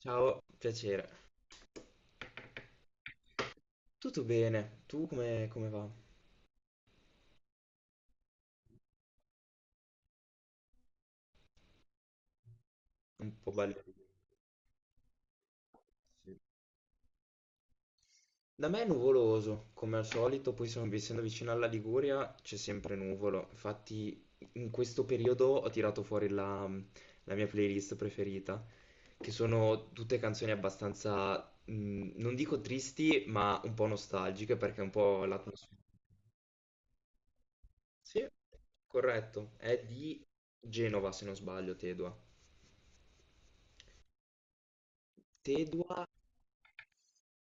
Ciao, piacere. Tutto bene? Tu come va? Un po' ballerino. Sì. Da me è nuvoloso, come al solito, poi essendo vicino alla Liguria c'è sempre nuvolo. Infatti in questo periodo ho tirato fuori la mia playlist preferita, che sono tutte canzoni abbastanza, non dico tristi, ma un po' nostalgiche perché è un po' l'atmosfera. Sì, corretto. È di Genova, se non sbaglio, Tedua. Tedua,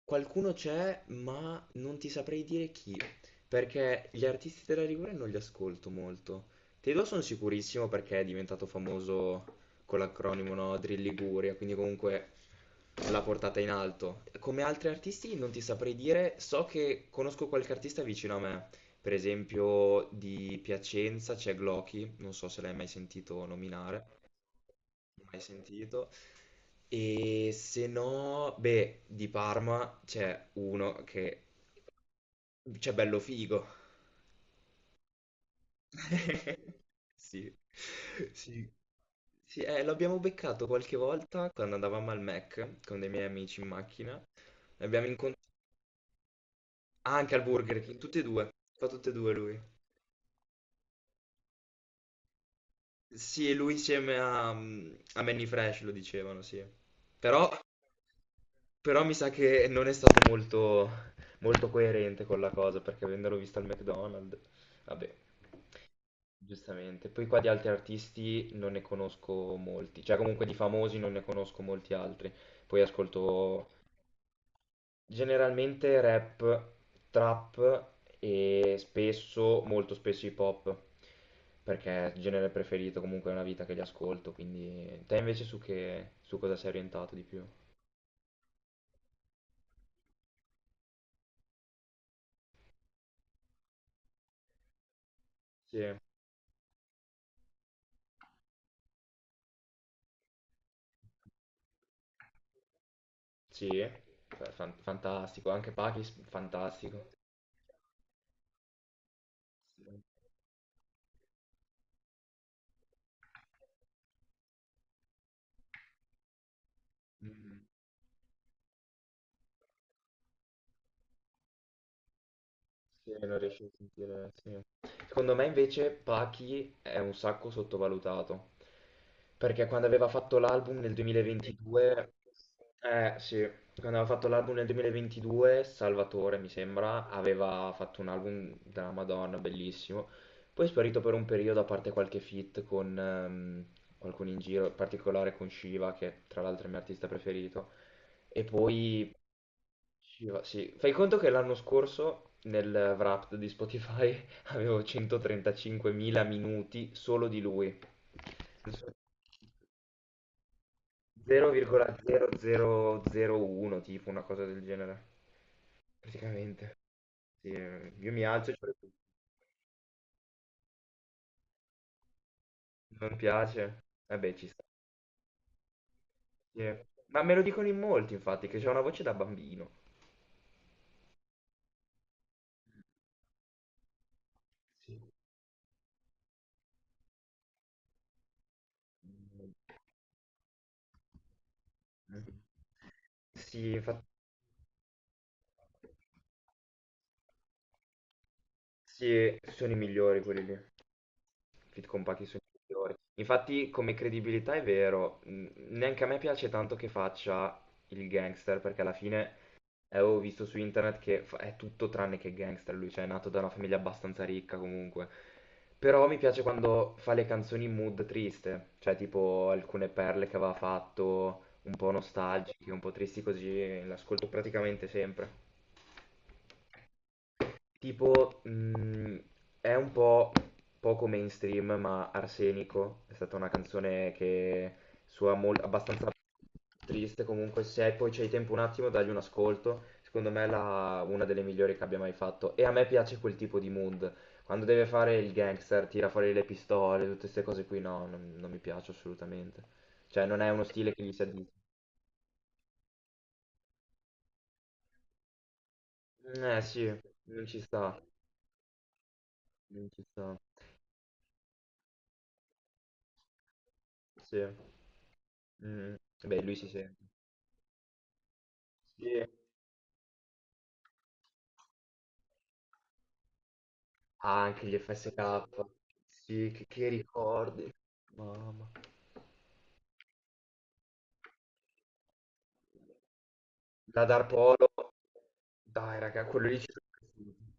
qualcuno c'è, ma non ti saprei dire chi, perché gli artisti della Liguria non li ascolto molto. Tedua sono sicurissimo perché è diventato famoso con l'acronimo, no? Drill Liguria, quindi comunque l'ha portata in alto. Come altri artisti non ti saprei dire, so che conosco qualche artista vicino a me, per esempio di Piacenza c'è Glocky, non so se l'hai mai sentito nominare mai sentito. E se no, beh, di Parma c'è uno che c'è bello figo. Sì, sì. Sì, l'abbiamo beccato qualche volta quando andavamo al Mac con dei miei amici in macchina. L'abbiamo incontrato anche al Burger King, tutti e due, fa tutte e due lui. Sì, lui insieme a, a Manny Fresh lo dicevano, sì. Però, però mi sa che non è stato molto coerente con la cosa, perché avendolo visto al McDonald's, vabbè, giustamente. Poi qua di altri artisti non ne conosco molti, cioè comunque di famosi non ne conosco molti altri. Poi ascolto generalmente rap, trap e spesso, molto spesso hip hop, perché è il genere preferito, comunque è una vita che li ascolto, quindi te invece su su cosa sei orientato di più? Sì, sì, fantastico, anche Pakis, fantastico. Sì. Mhm. Sì, non riesci a sentire, sì. Secondo me invece Pachi è un sacco sottovalutato, perché quando aveva fatto l'album nel 2022, eh sì, quando aveva fatto l'album nel 2022, Salvatore mi sembra, aveva fatto un album della Madonna, bellissimo, poi è sparito per un periodo, a parte qualche feat con qualcuno in giro, in particolare con Shiva, che tra l'altro è il mio artista preferito, e poi ci va, sì. Fai conto che l'anno scorso nel Wrapped di Spotify avevo 135.000 minuti solo di lui. 0,0001, tipo una cosa del genere. Praticamente. Sì, io mi alzo e faccio, non piace. Vabbè, ci sta. Sì. Ma me lo dicono in molti, infatti, che c'è una voce da bambino. Sì. Sì, infatti, sì, sono i migliori quelli lì. Fit compacti sono i migliori. Infatti, come credibilità è vero, neanche a me piace tanto che faccia il gangster, perché alla fine avevo visto su internet che è tutto tranne che gangster lui, cioè è nato da una famiglia abbastanza ricca comunque. Però mi piace quando fa le canzoni in mood triste, cioè tipo alcune perle che aveva fatto, un po' nostalgiche, un po' tristi così, l'ascolto praticamente sempre. Tipo, è un po' poco mainstream, ma Arsenico è stata una canzone che suona molto triste. Comunque, se poi c'hai tempo un attimo, dagli un ascolto. Secondo me è una delle migliori che abbia mai fatto. E a me piace quel tipo di mood. Quando deve fare il gangster, tira fuori le pistole, tutte queste cose qui, no, non mi piace assolutamente. Cioè, non è uno stile che gli si addice. Eh sì, non ci sta, non ci sta. Sì. Mm. Beh, lui si sente. Sì. Ah, anche gli FSK. Sì, che ricordi. Mamma. La Dar Polo. Dai, raga, quello lì ci sono cresciuti.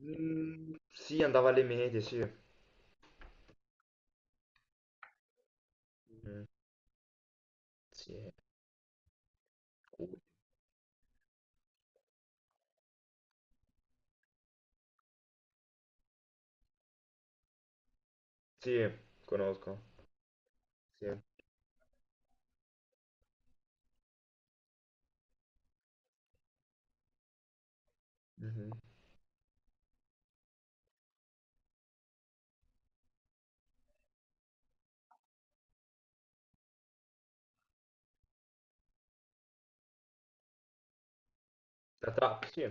Mm, sì, andava alle medie, sì. Mm, sì. Cool. Sì, conosco. Sì. Mhm. Sì,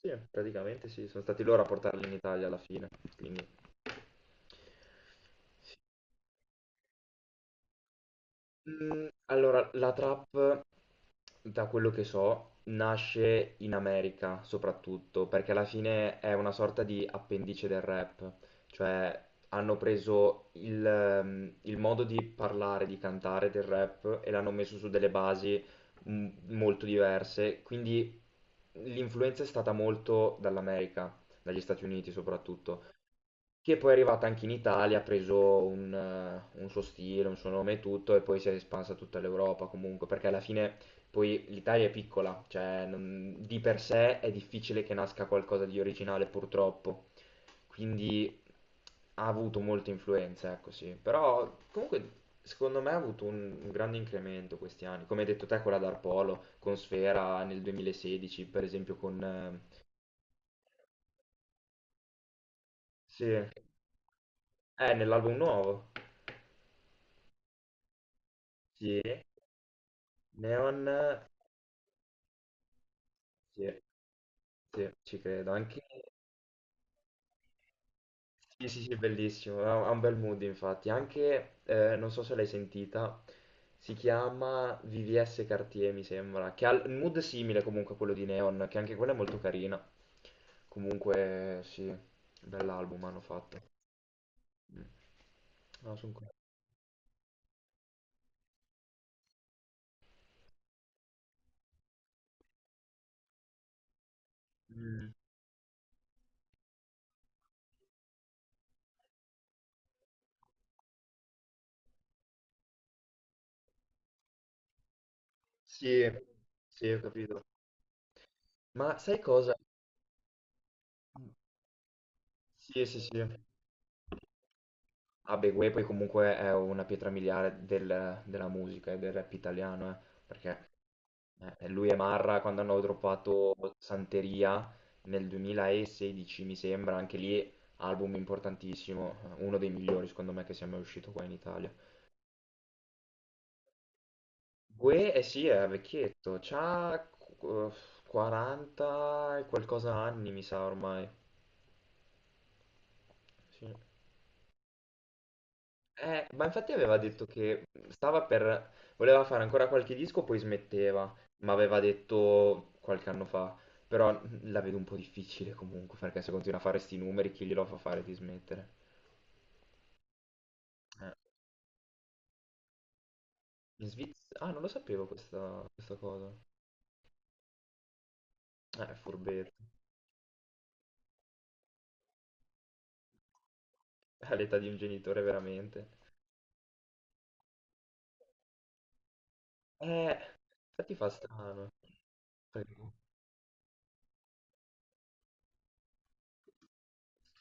sì, praticamente sì. Sono stati loro a portarli in Italia alla fine. Quindi… Mm, allora, la trap, da quello che so, nasce in America soprattutto, perché alla fine è una sorta di appendice del rap, cioè hanno preso il modo di parlare, di cantare del rap e l'hanno messo su delle basi mm, molto diverse, quindi l'influenza è stata molto dall'America, dagli Stati Uniti soprattutto, che poi è arrivata anche in Italia, ha preso un suo stile, un suo nome e tutto, e poi si è espansa a tutta l'Europa comunque, perché alla fine poi l'Italia è piccola, di per sé è difficile che nasca qualcosa di originale purtroppo, quindi ha avuto molte influenze, ecco sì, però comunque secondo me ha avuto un grande incremento questi anni, come hai detto te quella Dark Polo, con Sfera nel 2016, per esempio con... sì, nell'album nuovo. Sì. Neon, sì, sì, ci credo. Anche, sì, sì, sì, bellissimo, ha un bel mood infatti. Anche, non so se l'hai sentita, si chiama VVS Cartier, mi sembra, che ha un mood simile comunque a quello di Neon, che anche quella è molto carina. Comunque, sì, bell'album hanno fatto. Mm. No, sono qua. Mm, sì, sì, ho capito. Ma sai cosa? Sì, sì, sì. Vabbè, Gue poi comunque è una pietra miliare della musica e del rap italiano, perché lui e Marra quando hanno droppato Santeria nel 2016, mi sembra, anche lì album importantissimo, uno dei migliori secondo me che sia mai uscito qua in Italia. Gue, eh sì, è vecchietto, c'ha 40 e qualcosa anni, mi sa ormai. Sì. Ma infatti aveva detto che stava per... voleva fare ancora qualche disco, poi smetteva, ma aveva detto qualche anno fa. Però la vedo un po' difficile comunque, perché se continua a fare sti numeri, chi glielo fa fare di smettere? Eh. In Svizzera... Ah, non lo sapevo questa, questa cosa. È furbetto. All'età di un genitore, veramente. Eh, infatti fa strano. Perché-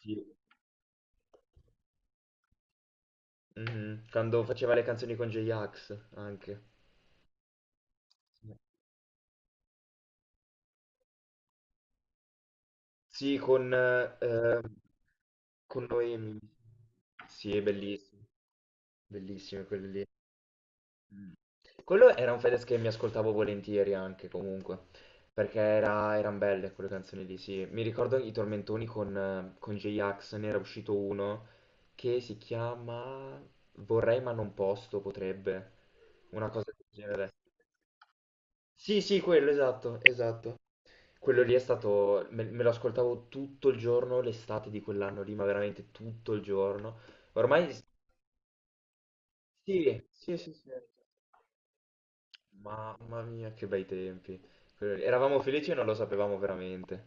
Sì. Mhm. Quando faceva le canzoni con J-Ax, anche. Sì. Sì, con Noemi. Sì, è bellissimo. Bellissime quelle lì. Mm. Quello era un Fedez che mi ascoltavo volentieri anche comunque, perché erano belle quelle canzoni lì, sì. Mi ricordo i tormentoni con J-Ax, ne era uscito uno che si chiama Vorrei ma non posso, potrebbe, una cosa del genere. Sì, sì, quello, esatto, esatto. Quello lì è stato, me lo ascoltavo tutto il giorno, l'estate di quell'anno lì, ma veramente tutto il giorno. Ormai, sì, sì, sì, sì. Sì. Mamma mia, che bei tempi. Quelli- eravamo felici e non lo sapevamo veramente.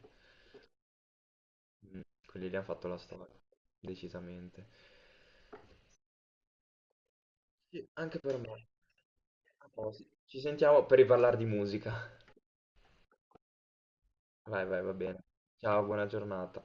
Mm, quelli lì hanno fatto la storia, decisamente. Sì, anche per me. A posto. Ci sentiamo per riparlare di musica. Vai, vai, va bene. Ciao, buona giornata.